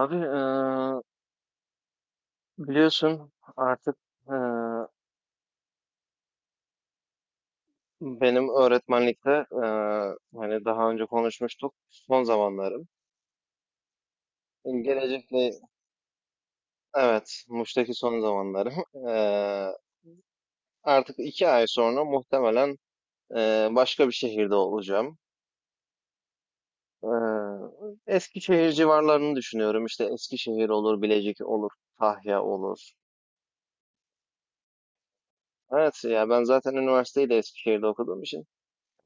Abi, biliyorsun artık, eee, benim öğretmenlikte, hani daha önce konuşmuştuk, son zamanlarım. Gelecekle, evet, Muş'taki son zamanlarım. Artık 2 ay sonra muhtemelen başka bir şehirde olacağım. Eee Eskişehir civarlarını düşünüyorum. İşte Eskişehir olur, Bilecik olur, Tahya olur. Evet ya, ben zaten üniversiteyi de Eskişehir'de okuduğum için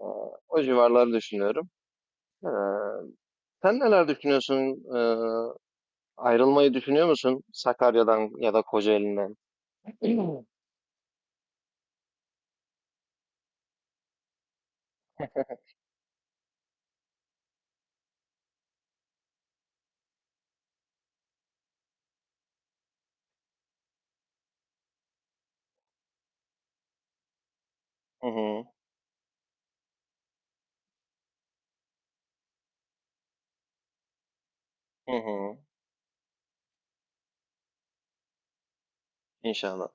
eee, o civarları düşünüyorum. Eee, Sen neler düşünüyorsun? Ayrılmayı düşünüyor musun Sakarya'dan ya da Kocaeli'nden? Hı hı. Hı hı. İnşallah.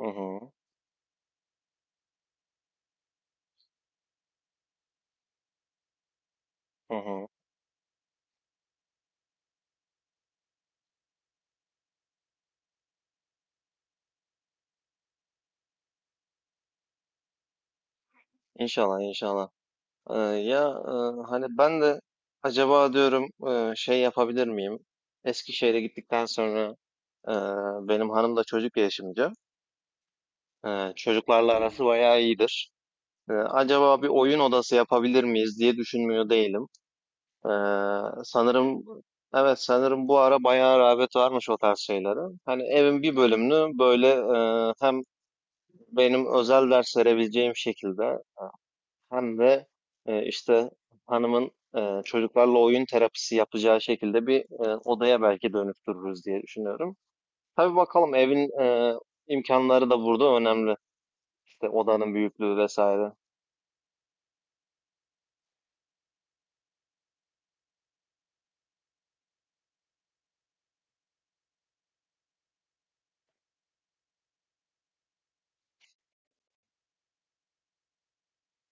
Hı hı. Hı hı. İnşallah, inşallah. Ya, hani ben de acaba diyorum, şey yapabilir miyim? Eskişehir'e gittikten sonra, e, benim hanım da çocuk gelişimci. Çocuklarla arası bayağı iyidir. Acaba bir oyun odası yapabilir miyiz diye düşünmüyor değilim. Ee, Sanırım, evet, sanırım bu ara bayağı rağbet varmış o tarz şeylere. Hani evin bir bölümünü böyle, hem benim özel ders verebileceğim şekilde, hem de işte hanımın çocuklarla oyun terapisi yapacağı şekilde bir odaya belki dönüştürürüz diye düşünüyorum. Tabii, bakalım, evin imkanları da burada önemli. İşte odanın büyüklüğü vesaire.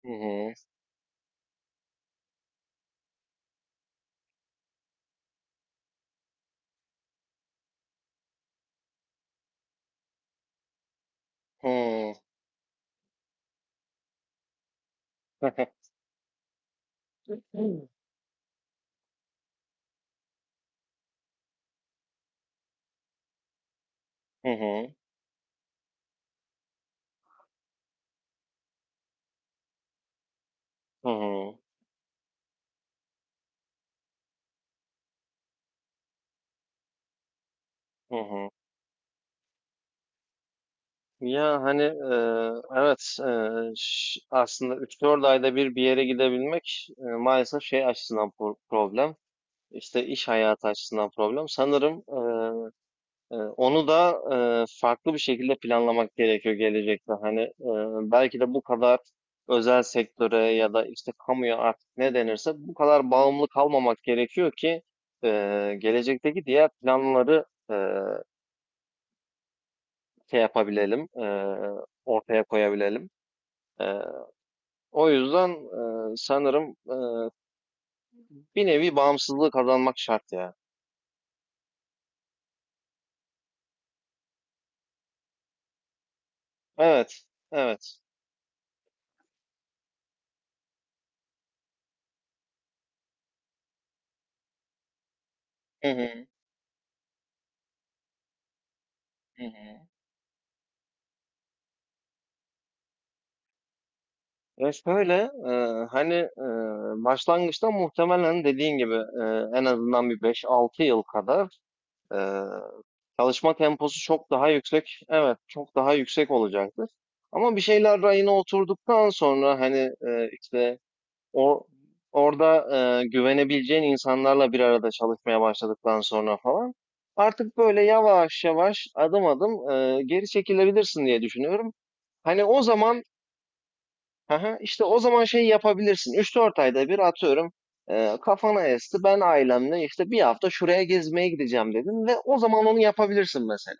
Hı hı. Hı. Hı hı. Hı hı. Hı hı. Ya, hani, evet, aslında 3-4 ayda bir bir yere gidebilmek, maalesef şey açısından problem. İşte iş hayatı açısından problem. Sanırım, onu da farklı bir şekilde planlamak gerekiyor gelecekte. Hani, belki de bu kadar özel sektöre ya da işte kamuya, artık ne denirse, bu kadar bağımlı kalmamak gerekiyor ki gelecekteki diğer planları şey yapabilelim, ortaya koyabilelim. O yüzden, sanırım, bir nevi bağımsızlığı kazanmak şart ya. Evet, evet. Hı hı. Hı hı. Ya şöyle, e, hani, başlangıçta muhtemelen dediğin gibi, en azından bir 5-6 yıl kadar e, çalışma temposu çok daha yüksek. Evet, çok daha yüksek olacaktır. Ama bir şeyler rayına oturduktan sonra, hani, işte O orada, güvenebileceğin insanlarla bir arada çalışmaya başladıktan sonra falan, artık böyle yavaş yavaş, adım adım, geri çekilebilirsin diye düşünüyorum. Hani o zaman, aha, işte o zaman şey yapabilirsin. 3-4 ayda bir, atıyorum, kafana esti, ben ailemle işte bir hafta şuraya gezmeye gideceğim dedim, ve o zaman onu yapabilirsin mesela.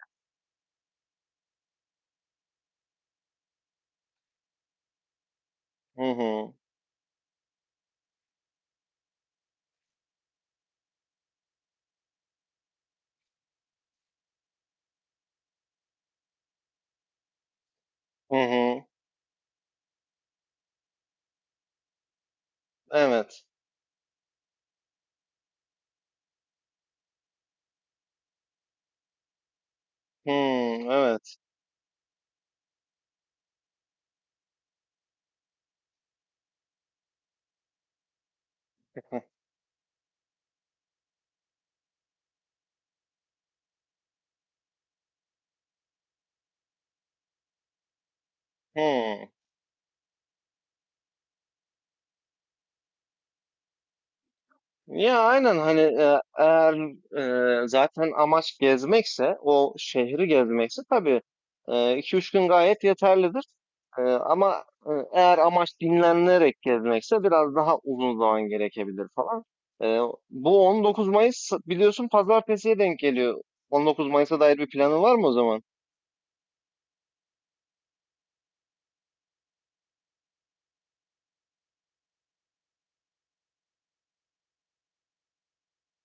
Hı hı. Hı hı. Evet. Hı, evet. Hı. Ya aynen. Hani, eğer, zaten amaç gezmekse, o şehri gezmekse, tabii 2-3 gün gayet yeterlidir. Ama eğer amaç dinlenerek gezmekse biraz daha uzun zaman gerekebilir falan. E, Bu 19 Mayıs, biliyorsun, Pazartesi'ye denk geliyor. 19 Mayıs'a dair bir planın var mı o zaman?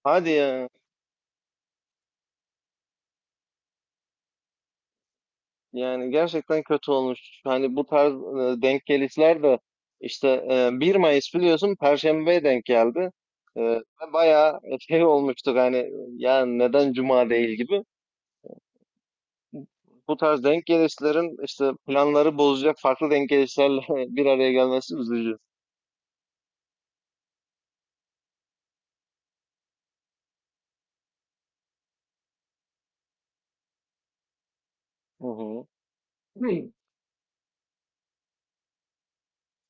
Hadi ya. Yani gerçekten kötü olmuş. Hani bu tarz denk gelişler de işte, 1 Mayıs, biliyorsun, Perşembe'ye denk geldi. Ve bayağı şey olmuştuk, hani, ya neden Cuma değil gibi. Bu tarz denk gelişlerin işte planları bozacak farklı denk gelişlerle bir araya gelmesi üzücü. Hı hı. Hı.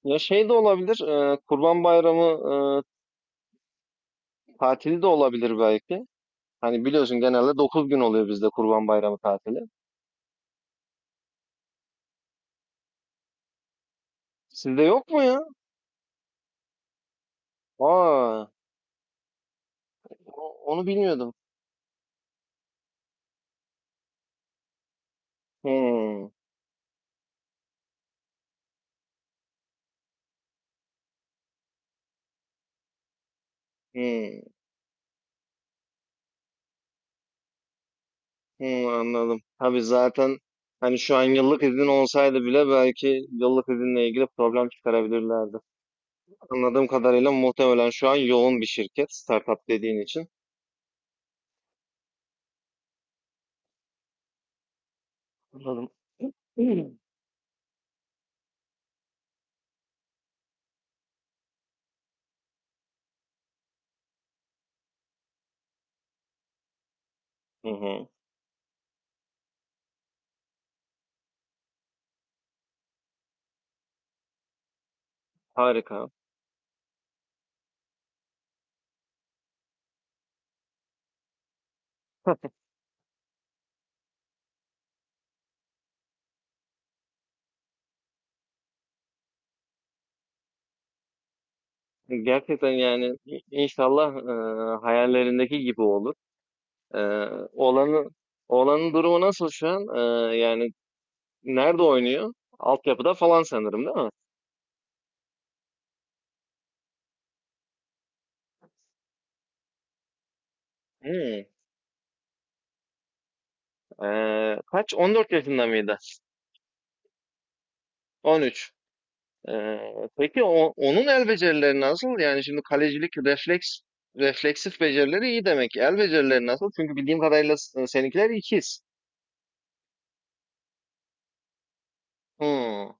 Ya şey de olabilir, Kurban Bayramı tatili de olabilir belki. Hani, biliyorsun, genelde 9 gün oluyor bizde Kurban Bayramı tatili. Sizde yok mu ya? Aa. Onu bilmiyordum. Hmm. Hmm. Hmm, anladım. Tabii, zaten, hani, şu an yıllık izin olsaydı bile belki yıllık izinle ilgili problem çıkarabilirlerdi. Anladığım kadarıyla muhtemelen şu an yoğun bir şirket, startup dediğin için. Anladım. Hı hı, harika. Gerçekten, yani, inşallah hayallerindeki gibi olur. E, oğlanı, Oğlanın durumu nasıl şu an? Yani nerede oynuyor? Altyapıda falan sanırım, değil mi? Kaç, 14 yaşında mıydı? 13. Ee, peki, onun el becerileri nasıl? Yani şimdi kalecilik refleksif becerileri iyi demek. El becerileri nasıl? Çünkü bildiğim kadarıyla seninkiler ikiz. Hmm.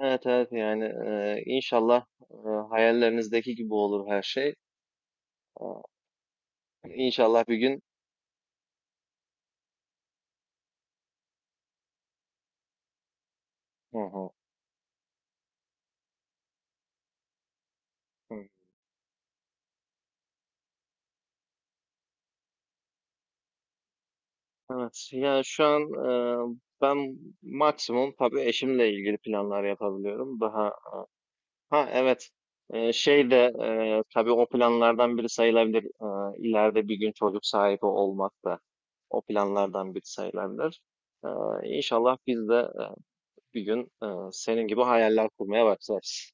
Evet, evet, yani inşallah hayallerinizdeki gibi olur her şey. Aa, İnşallah bir gün. Hı hı. Hı. Evet, yani şu an ben maksimum tabii eşimle ilgili planlar yapabiliyorum. Daha. Ha, evet. Şey de, tabii, o planlardan biri sayılabilir. İleride bir gün çocuk sahibi olmak da o planlardan biri sayılabilir. Ee, İnşallah biz de bir gün, senin gibi hayaller kurmaya başlarız.